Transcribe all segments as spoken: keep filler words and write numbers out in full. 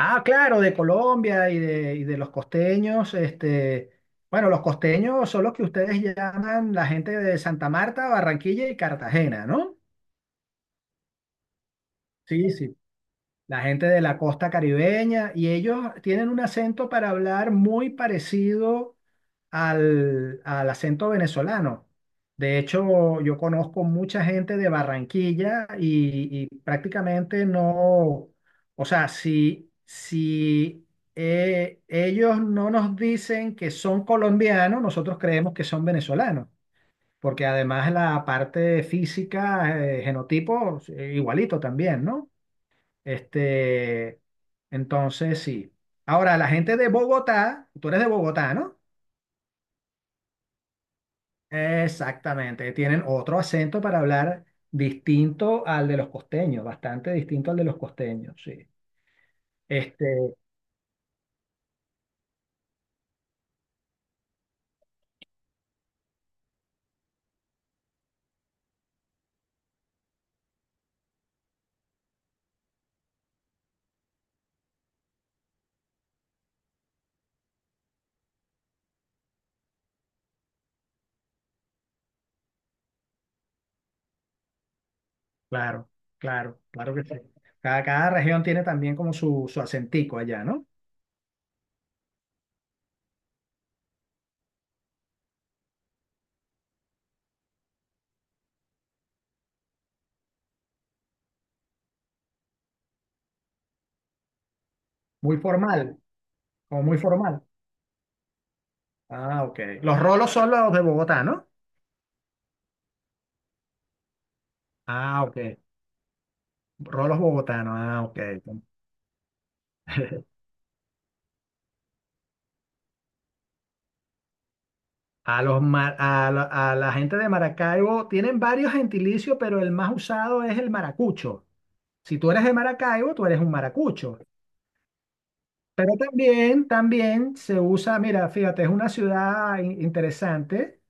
Ah, claro, de Colombia y de, y de los costeños, este, bueno, los costeños son los que ustedes llaman la gente de Santa Marta, Barranquilla y Cartagena, ¿no? Sí, sí, la gente de la costa caribeña, y ellos tienen un acento para hablar muy parecido al, al acento venezolano. De hecho, yo conozco mucha gente de Barranquilla y, y prácticamente no, o sea, si, si eh, ellos no nos dicen que son colombianos, nosotros creemos que son venezolanos, porque además la parte física, eh, genotipo, eh, igualito también, ¿no? Este, entonces sí. Ahora, la gente de Bogotá, tú eres de Bogotá, ¿no? Exactamente, tienen otro acento para hablar distinto al de los costeños, bastante distinto al de los costeños, sí. Este, claro, claro, claro que sí. Cada, cada región tiene también como su, su acentico allá, ¿no? Muy formal, o muy formal. Ah, ok. Los rolos son los de Bogotá, ¿no? Ah, ok. Rolos bogotanos, ah, ok. A los mar- a, la a la gente de Maracaibo tienen varios gentilicios, pero el más usado es el maracucho. Si tú eres de Maracaibo, tú eres un maracucho. Pero también, también se usa, mira, fíjate, es una ciudad in- interesante.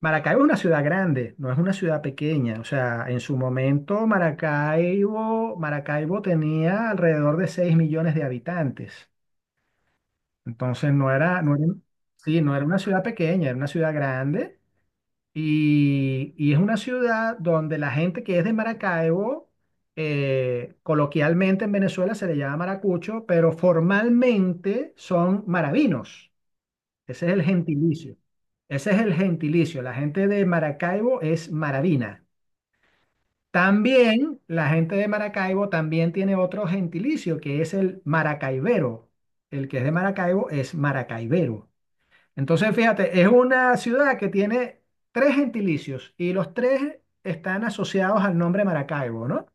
Maracaibo es una ciudad grande, no es una ciudad pequeña. O sea, en su momento Maracaibo, Maracaibo tenía alrededor de seis millones de habitantes. Entonces no era, no era, sí, no era una ciudad pequeña, era una ciudad grande. Y, y es una ciudad donde la gente que es de Maracaibo, eh, coloquialmente en Venezuela se le llama maracucho, pero formalmente son maravinos. Ese es el gentilicio. Ese es el gentilicio. La gente de Maracaibo es maravina. También la gente de Maracaibo también tiene otro gentilicio que es el maracaibero. El que es de Maracaibo es maracaibero. Entonces, fíjate, es una ciudad que tiene tres gentilicios y los tres están asociados al nombre Maracaibo, ¿no?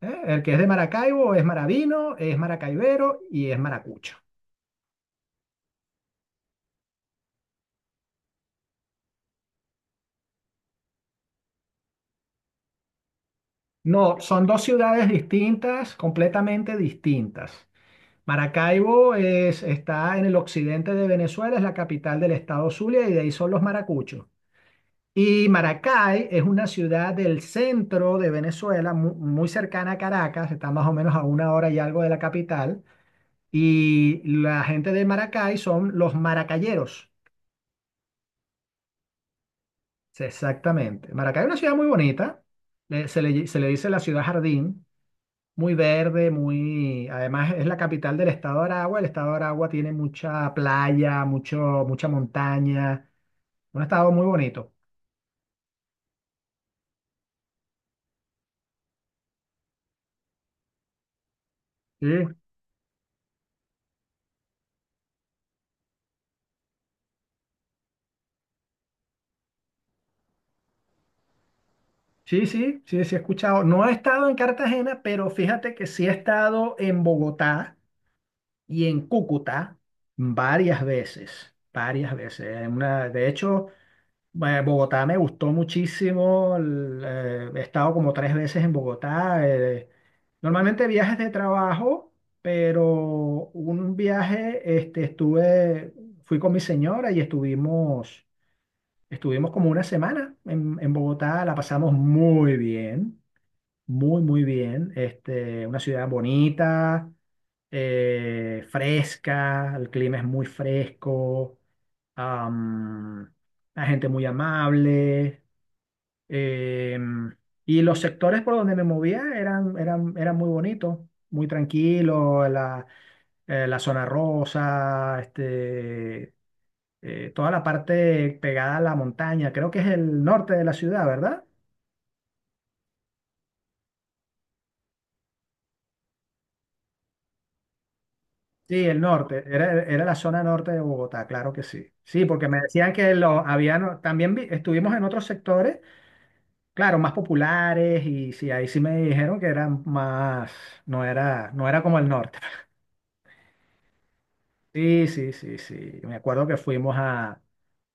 ¿Eh? El que es de Maracaibo es Maravino, es Maracaibero y es Maracucho. No, son dos ciudades distintas, completamente distintas. Maracaibo es, está en el occidente de Venezuela, es la capital del estado Zulia y de ahí son los Maracuchos. Y Maracay es una ciudad del centro de Venezuela, mu- muy cercana a Caracas, está más o menos a una hora y algo de la capital. Y la gente de Maracay son los maracayeros. Sí, exactamente. Maracay es una ciudad muy bonita, le- se le, se le dice la ciudad jardín, muy verde, muy... Además es la capital del estado de Aragua, el estado de Aragua tiene mucha playa, mucho, mucha montaña, un estado muy bonito. Sí. Sí, sí, sí, sí he escuchado. No he estado en Cartagena, pero fíjate que sí he estado en Bogotá y en Cúcuta varias veces, varias veces. En una- de hecho, eh, Bogotá me gustó muchísimo. El, eh, he estado como tres veces en Bogotá. Eh, normalmente viajes de trabajo, pero un viaje, este, estuve, fui con mi señora y estuvimos, estuvimos como una semana en, en Bogotá. La pasamos muy bien. Muy, muy bien. Este, una ciudad bonita, eh, fresca, el clima es muy fresco, am, la gente muy amable. em, y los sectores por donde me movía eran, eran, eran muy bonitos, muy tranquilos, la, eh, la zona rosa, este, eh, toda la parte pegada a la montaña. Creo que es el norte de la ciudad, ¿verdad? Sí, el norte, era, era la zona norte de Bogotá, claro que sí. Sí, porque me decían que lo habían, también vi- estuvimos en otros sectores, claro, más populares y sí, ahí sí me dijeron que eran más, no era, no era como el norte. Sí, sí, sí, sí. Me acuerdo que fuimos a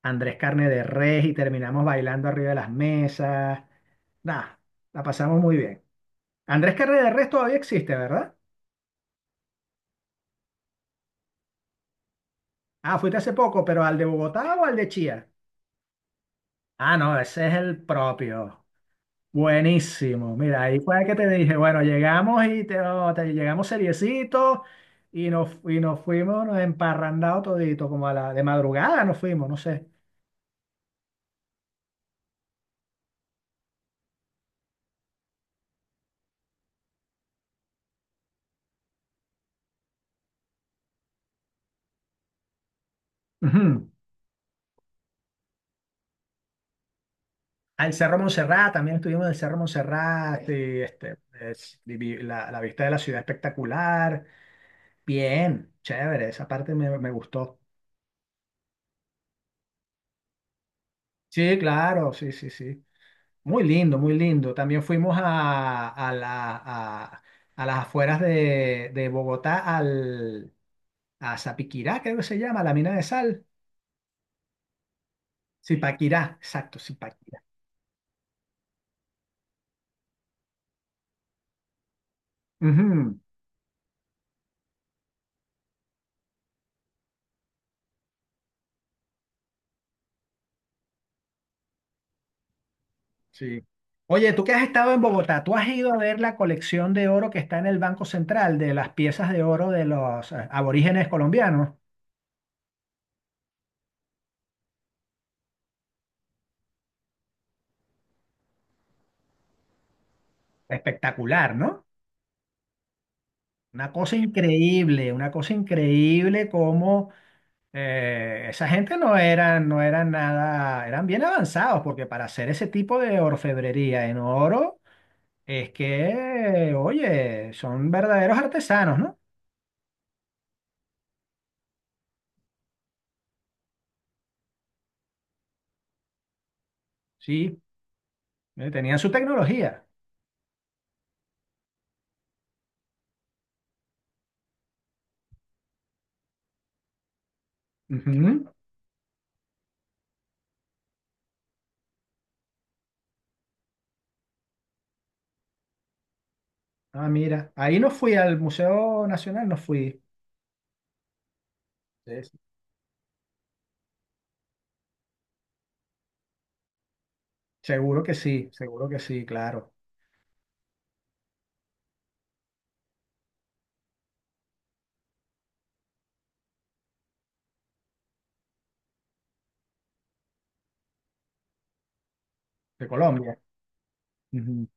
Andrés Carne de Res y terminamos bailando arriba de las mesas. Nada, la pasamos muy bien. Andrés Carne de Res todavía existe, ¿verdad? Ah, fuiste hace poco, pero ¿al de Bogotá o al de Chía? Ah, no, ese es el propio. Buenísimo. Mira, ahí fue que te dije, bueno, llegamos y te, oh, te- llegamos seriecitos y nos, y nos fuimos nos emparrandados todito, como a la de madrugada nos fuimos, no sé. Ujú. Al Cerro Montserrat, también estuvimos en el Cerro Montserrat, y, este, es- vi- vi- la, la vista de la ciudad espectacular. Bien, chévere, esa parte me, me gustó. Sí, claro, sí, sí, sí. Muy lindo, muy lindo. También fuimos a, a la- a- a las afueras de, de Bogotá, al, a Zapiquirá, creo que se llama, la mina de sal. Zipaquirá, exacto, Zipaquirá. Ujú, sí. Oye, tú que has estado en Bogotá, ¿tú has ido a ver la colección de oro que está en el Banco Central de las piezas de oro de los eh, aborígenes colombianos? Espectacular, ¿no? Una cosa increíble, una cosa increíble como eh, esa gente no era, no eran nada, eran bien avanzados, porque para hacer ese tipo de orfebrería en oro, es que, oye, son verdaderos artesanos, ¿no? Sí, eh, tenían su tecnología. Ujú. Ah, mira, ahí no fui al Museo Nacional, no fui. Sí, sí. Seguro que sí, seguro que sí, claro. De Colombia. Ujú.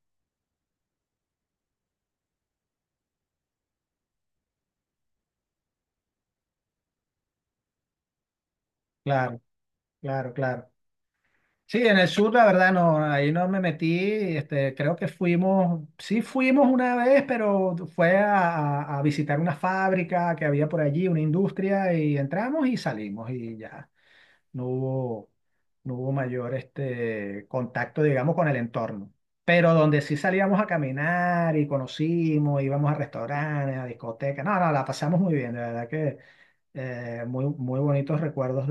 Claro, claro, claro. Sí, en el sur la verdad no, ahí no me metí, este, creo que fuimos, sí fuimos una vez, pero fue a, a- a visitar una fábrica que había por allí, una industria, y entramos y salimos y ya, no hubo, no hubo mayor este, contacto, digamos, con el entorno. Pero donde sí salíamos a caminar y conocimos, íbamos a restaurantes, a discotecas, no, no, la pasamos muy bien, de verdad que eh, muy, muy bonitos recuerdos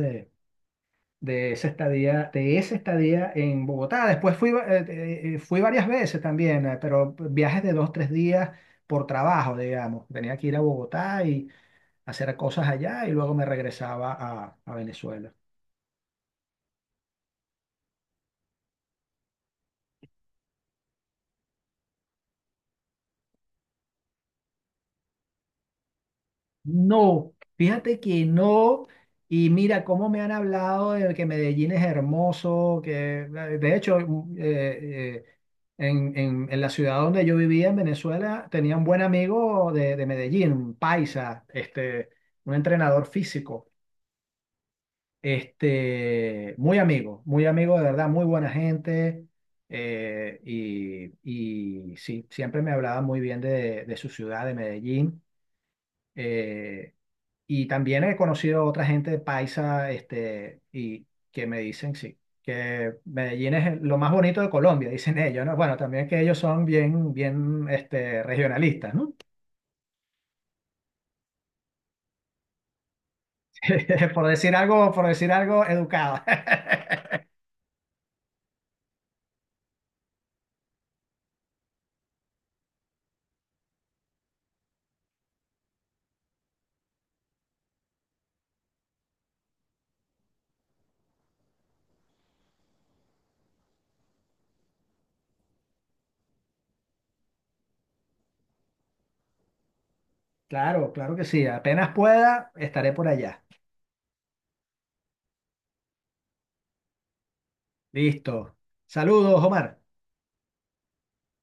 de esa estadía, de esa estadía en Bogotá. Después fui, va- eh, eh, eh, fui varias veces también, eh, pero viajes de dos, tres días por trabajo, digamos. Tenía que ir a Bogotá y hacer cosas allá y luego me regresaba a, a Venezuela. No, fíjate que no. Y mira cómo me han hablado de que Medellín es hermoso, que eh, de hecho mm, eh, eh, en, en- en la ciudad donde yo vivía en Venezuela tenía un buen amigo de, de Medellín, un paisa, este, un entrenador físico, este, muy amigo, muy amigo de verdad, muy buena gente. eh, y, y sí, siempre me hablaba muy bien de, de su ciudad, de Medellín. eh, y también he conocido otra gente paisa, este, y que me dicen, sí, que Medellín es lo más bonito de Colombia, dicen ellos, ¿no? Bueno, también que ellos son bien, bien, este, regionalistas, ¿no? Por decir algo, por decir algo educado. Claro, claro que sí. Apenas pueda, estaré por allá. Listo. Saludos, Omar.